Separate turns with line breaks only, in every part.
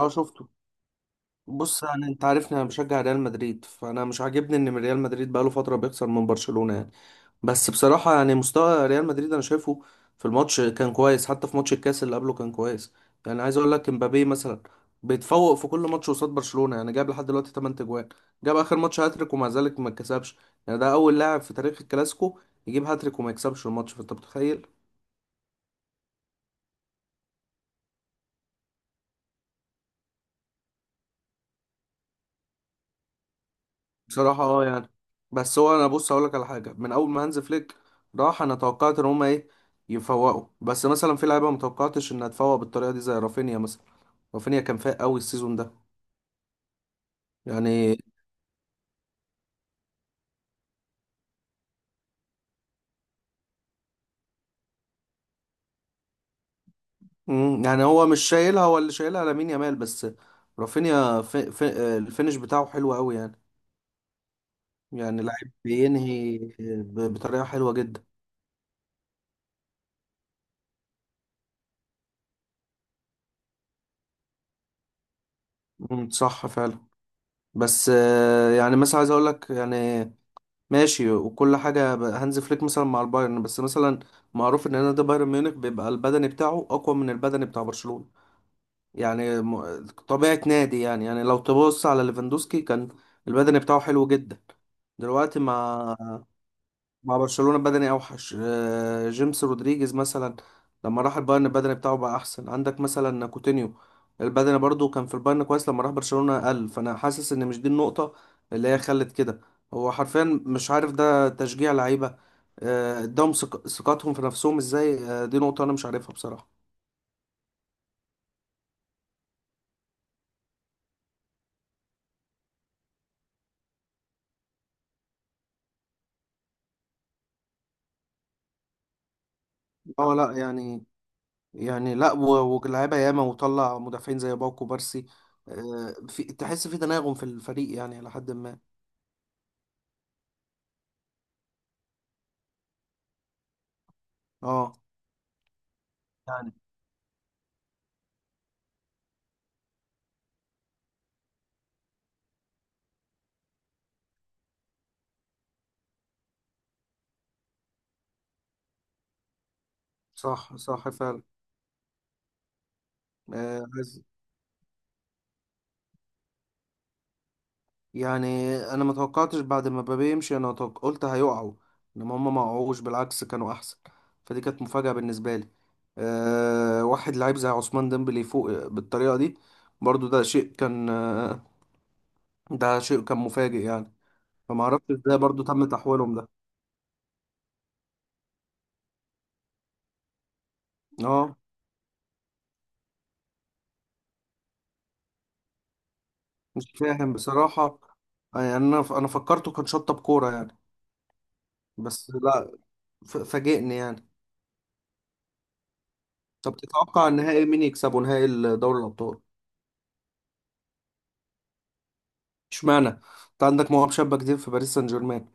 اه شفته. بص، يعني انت عارفني، انا بشجع ريال مدريد، فانا مش عاجبني ان ريال مدريد بقاله فتره بيخسر من برشلونه يعني. بس بصراحه يعني مستوى ريال مدريد انا شايفه في الماتش كان كويس، حتى في ماتش الكاس اللي قبله كان كويس. يعني عايز اقول لك امبابي مثلا بيتفوق في كل ماتش قصاد برشلونه، يعني جاب لحد دلوقتي 8 اجوان. جاب اخر ماتش هاتريك ومع ذلك ما اتكسبش. يعني ده اول لاعب في تاريخ الكلاسيكو يجيب هاتريك وما يكسبش الماتش، فانت متخيل. بصراحة اه يعني. بس هو انا بص اقول لك على حاجة، من اول ما هانز فليك راح انا توقعت ان هما ايه، يفوقوا، بس مثلا في لعيبة ما توقعتش انها تفوق بالطريقة دي زي رافينيا مثلا. رافينيا كان فايق قوي السيزون ده يعني. مم، يعني هو مش شايلها، هو اللي شايلها لامين يامال بس. رافينيا في الفينش بتاعه حلو قوي يعني. يعني لعيب بينهي بطريقة حلوة جدا. مم، صح فعلا. بس يعني مثلا عايز اقول لك يعني ماشي وكل حاجة هانز فليك مثلا مع البايرن، بس مثلا معروف ان نادي بايرن ميونخ بيبقى البدني بتاعه اقوى من البدني بتاع برشلونة. يعني طبيعة نادي، يعني يعني لو تبص على ليفاندوسكي كان البدني بتاعه حلو جدا، دلوقتي مع برشلونة بدني اوحش. جيمس رودريجيز مثلا لما راح البايرن البدني بتاعه بقى احسن. عندك مثلا كوتينيو البدني برضو كان في البايرن كويس، لما راح برشلونة قل. فانا حاسس ان مش دي النقطة اللي هي خلت كده. هو حرفيا مش عارف ده تشجيع لعيبة، اداهم ثقتهم في نفسهم ازاي. دي نقطة انا مش عارفها بصراحة. اه لا يعني. يعني لا، واللعيبة ياما، وطلع مدافعين زي باوكو بارسي. في تحس، في تناغم في الفريق يعني لحد ما. اه صح صح فعلا. آه، عايز- يعني انا ما توقعتش بعد ما مبابي يمشي. انا قلت هيقعوا، انما هم ما وقعوش، بالعكس كانوا احسن. فدي كانت مفاجأة بالنسبة لي. أه، واحد لعيب زي عثمان ديمبلي يفوق بالطريقة دي، برضو ده شيء كان، ده شيء كان مفاجئ يعني. فما اعرفش ازاي برضو تم تحويلهم ده. اه مش فاهم بصراحة. يعني انا انا فكرته كان شطة بكورة يعني. بس لا، فاجئني يعني. طب تتوقع النهائي مين يكسبه؟ نهائي دوري الابطال؟ اشمعنى؟ انت عندك مواهب شابه كتير في باريس سان جيرمان.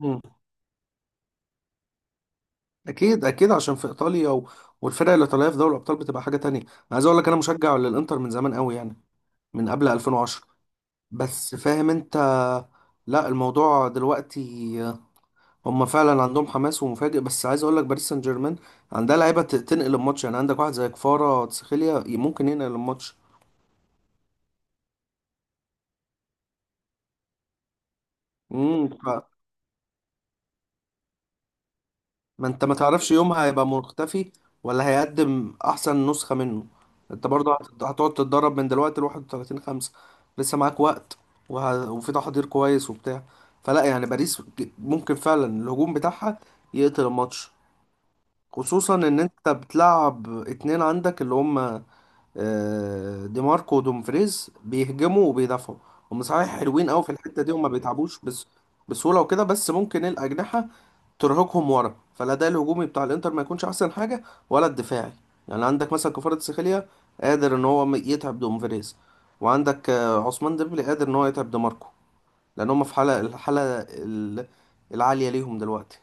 مم. اكيد اكيد، عشان في ايطاليا والفرق الايطاليه في دوري الابطال بتبقى حاجه تانية. انا عايز اقول لك انا مشجع للانتر من زمان قوي يعني، من قبل 2010. بس فاهم انت. لا الموضوع دلوقتي هم فعلا عندهم حماس ومفاجئ، بس عايز اقول لك باريس سان جيرمان عندها لعيبه تنقل الماتش، يعني عندك واحد زي كفارة تسخيليا ممكن ينقل الماتش. امم ما انت ما تعرفش يومها هيبقى مختفي ولا هيقدم احسن نسخة منه. انت برضه هتقعد تتدرب من دلوقتي ل 31/5. لسه معاك وقت وفي تحضير كويس وبتاع. فلا يعني باريس ممكن فعلا الهجوم بتاعها يقتل الماتش، خصوصا ان انت بتلعب اتنين عندك اللي هم دي ماركو ودومفريز، بيهجموا وبيدافعوا. هم صحيح حلوين قوي في الحتة دي وما بيتعبوش، بس بسهولة وكده، بس ممكن الأجنحة ترهقهم ورا. فالاداء الهجومي بتاع الانتر ما يكونش احسن حاجه، ولا الدفاعي. يعني عندك مثلا كفارة سخاليا قادر ان هو يتعب دومفريز، وعندك عثمان ديمبلي قادر ان هو يتعب ديماركو، لان هم في حاله، الحاله العاليه ليهم دلوقتي.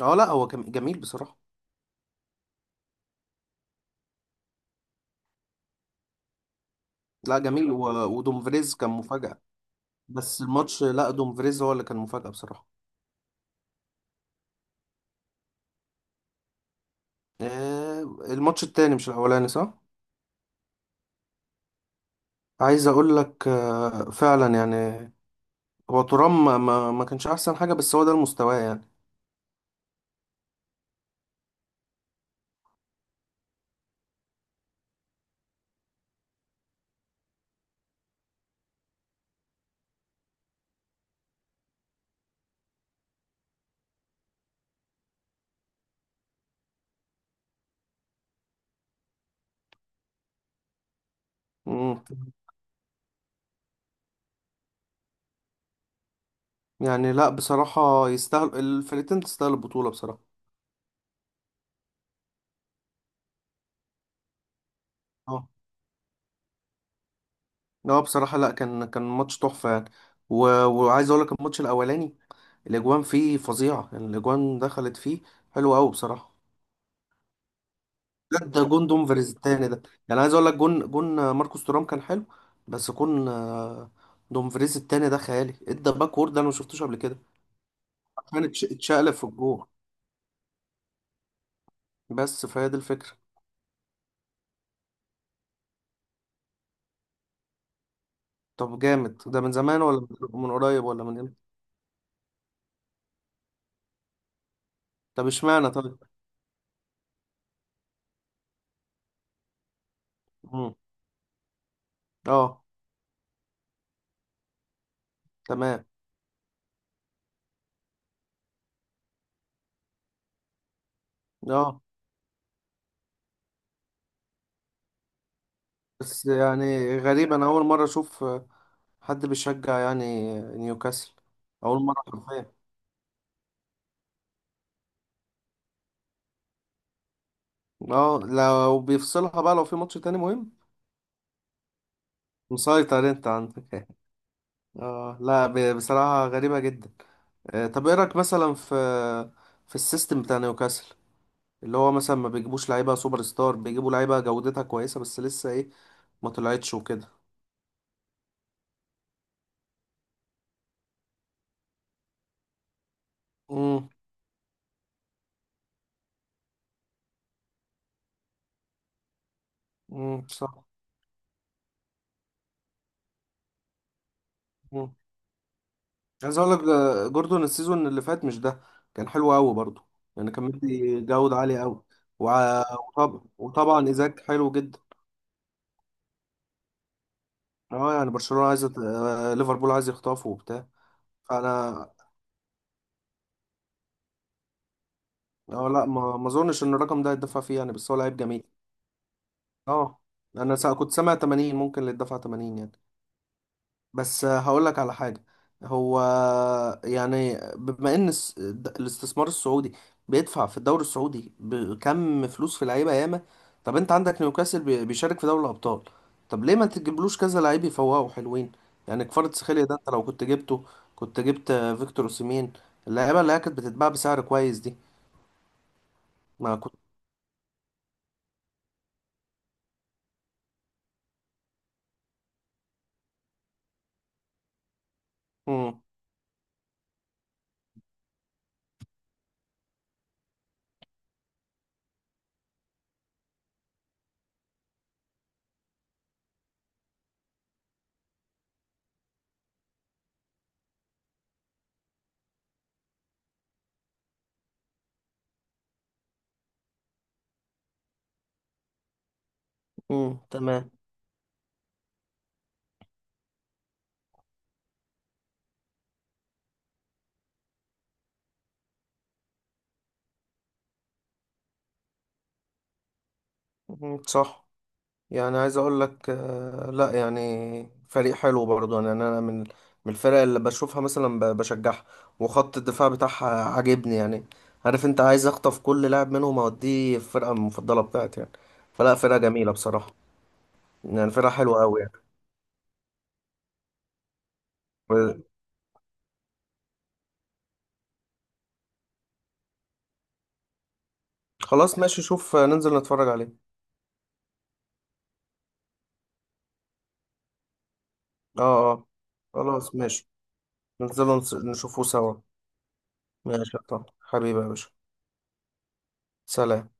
اه لا، هو كان جميل بصراحه. لا جميل، ودومفريز كان مفاجاه. بس الماتش، لا دومفريز هو اللي كان مفاجاه بصراحه. الماتش التاني مش الاولاني، صح. عايز اقول لك فعلا يعني هو ترام ما كانش احسن حاجه، بس هو ده المستوى يعني. مم. يعني لا، بصراحة يستاهل، الفرقتين تستاهل البطولة بصراحة. اه لا بصراحة، لا كان كان ماتش تحفة يعني. و... وعايز اقول لك الماتش الاولاني الاجوان فيه فظيعة. يعني الاجوان دخلت فيه حلوة قوي بصراحة. لا ده جون دومفريز التاني ده. يعني عايز اقول لك جون، جون ماركوس تورام كان حلو، بس جون دومفريز التاني ده خيالي. ادى باك وورد انا ما شفتوش قبل كده، عشان اتشقلب في الجون. بس فهي دي الفكرة. طب جامد ده من زمان ولا من قريب ولا من امتى؟ طب اشمعنى طيب. اه تمام اه. بس يعني غريب، انا اول مره اشوف حد بيشجع يعني نيوكاسل. اول مره حرفيا. اه لو بيفصلها بقى، لو في ماتش تاني مهم. مسيطر انت عندك يعني. اه لا بصراحه غريبه جدا. طب ايه رايك مثلا في السيستم بتاع نيوكاسل؟ اللي هو مثلا ما بيجيبوش لعيبه سوبر ستار، بيجيبوا لعيبه جودتها كويسه بس لسه ايه ما طلعتش وكده. امم صح. عايز اقول لك ده جوردون السيزون اللي فات مش ده كان حلو قوي برضه يعني، كان مدي جوده عاليه قوي. وطبعا وطبعا ايزاك حلو جدا. اه يعني برشلونه عايزه ليفربول عايز يخطفه وبتاع. فانا اه لا ما اظنش ان الرقم ده يتدفع فيه يعني، بس هو لعيب جميل. اه انا كنت سامع 80 ممكن، اللي يتدفع 80 يعني. بس هقول لك على حاجة. هو يعني بما ان الاستثمار السعودي بيدفع في الدوري السعودي بكم فلوس في لعيبة ياما. طب انت عندك نيوكاسل بيشارك في دوري الابطال، طب ليه ما تجيبلوش كذا لعيب يفوقوا حلوين؟ يعني كفارة سخيليا ده انت لو كنت جبته، كنت جبت فيكتور اوسيمين، اللعيبة اللي هي كانت بتتباع بسعر كويس دي. ما كنت. امم تمام. مم، صح. يعني عايز اقول لك لا يعني فريق حلو برضه. يعني انا من الفرق اللي بشوفها مثلا بشجعها. وخط الدفاع بتاعها عاجبني يعني. عارف انت عايز اخطف كل لاعب منهم، اوديه الفرقه المفضله بتاعتي يعني. فلا فرقه جميله بصراحه يعني. فرقه حلوه قوي يعني. و- خلاص ماشي، شوف ننزل نتفرج عليه. اه اه. خلاص ماشي. ننزل نشوفه سوا. ماشي يا طه. حبيبي يا باشا. سلام.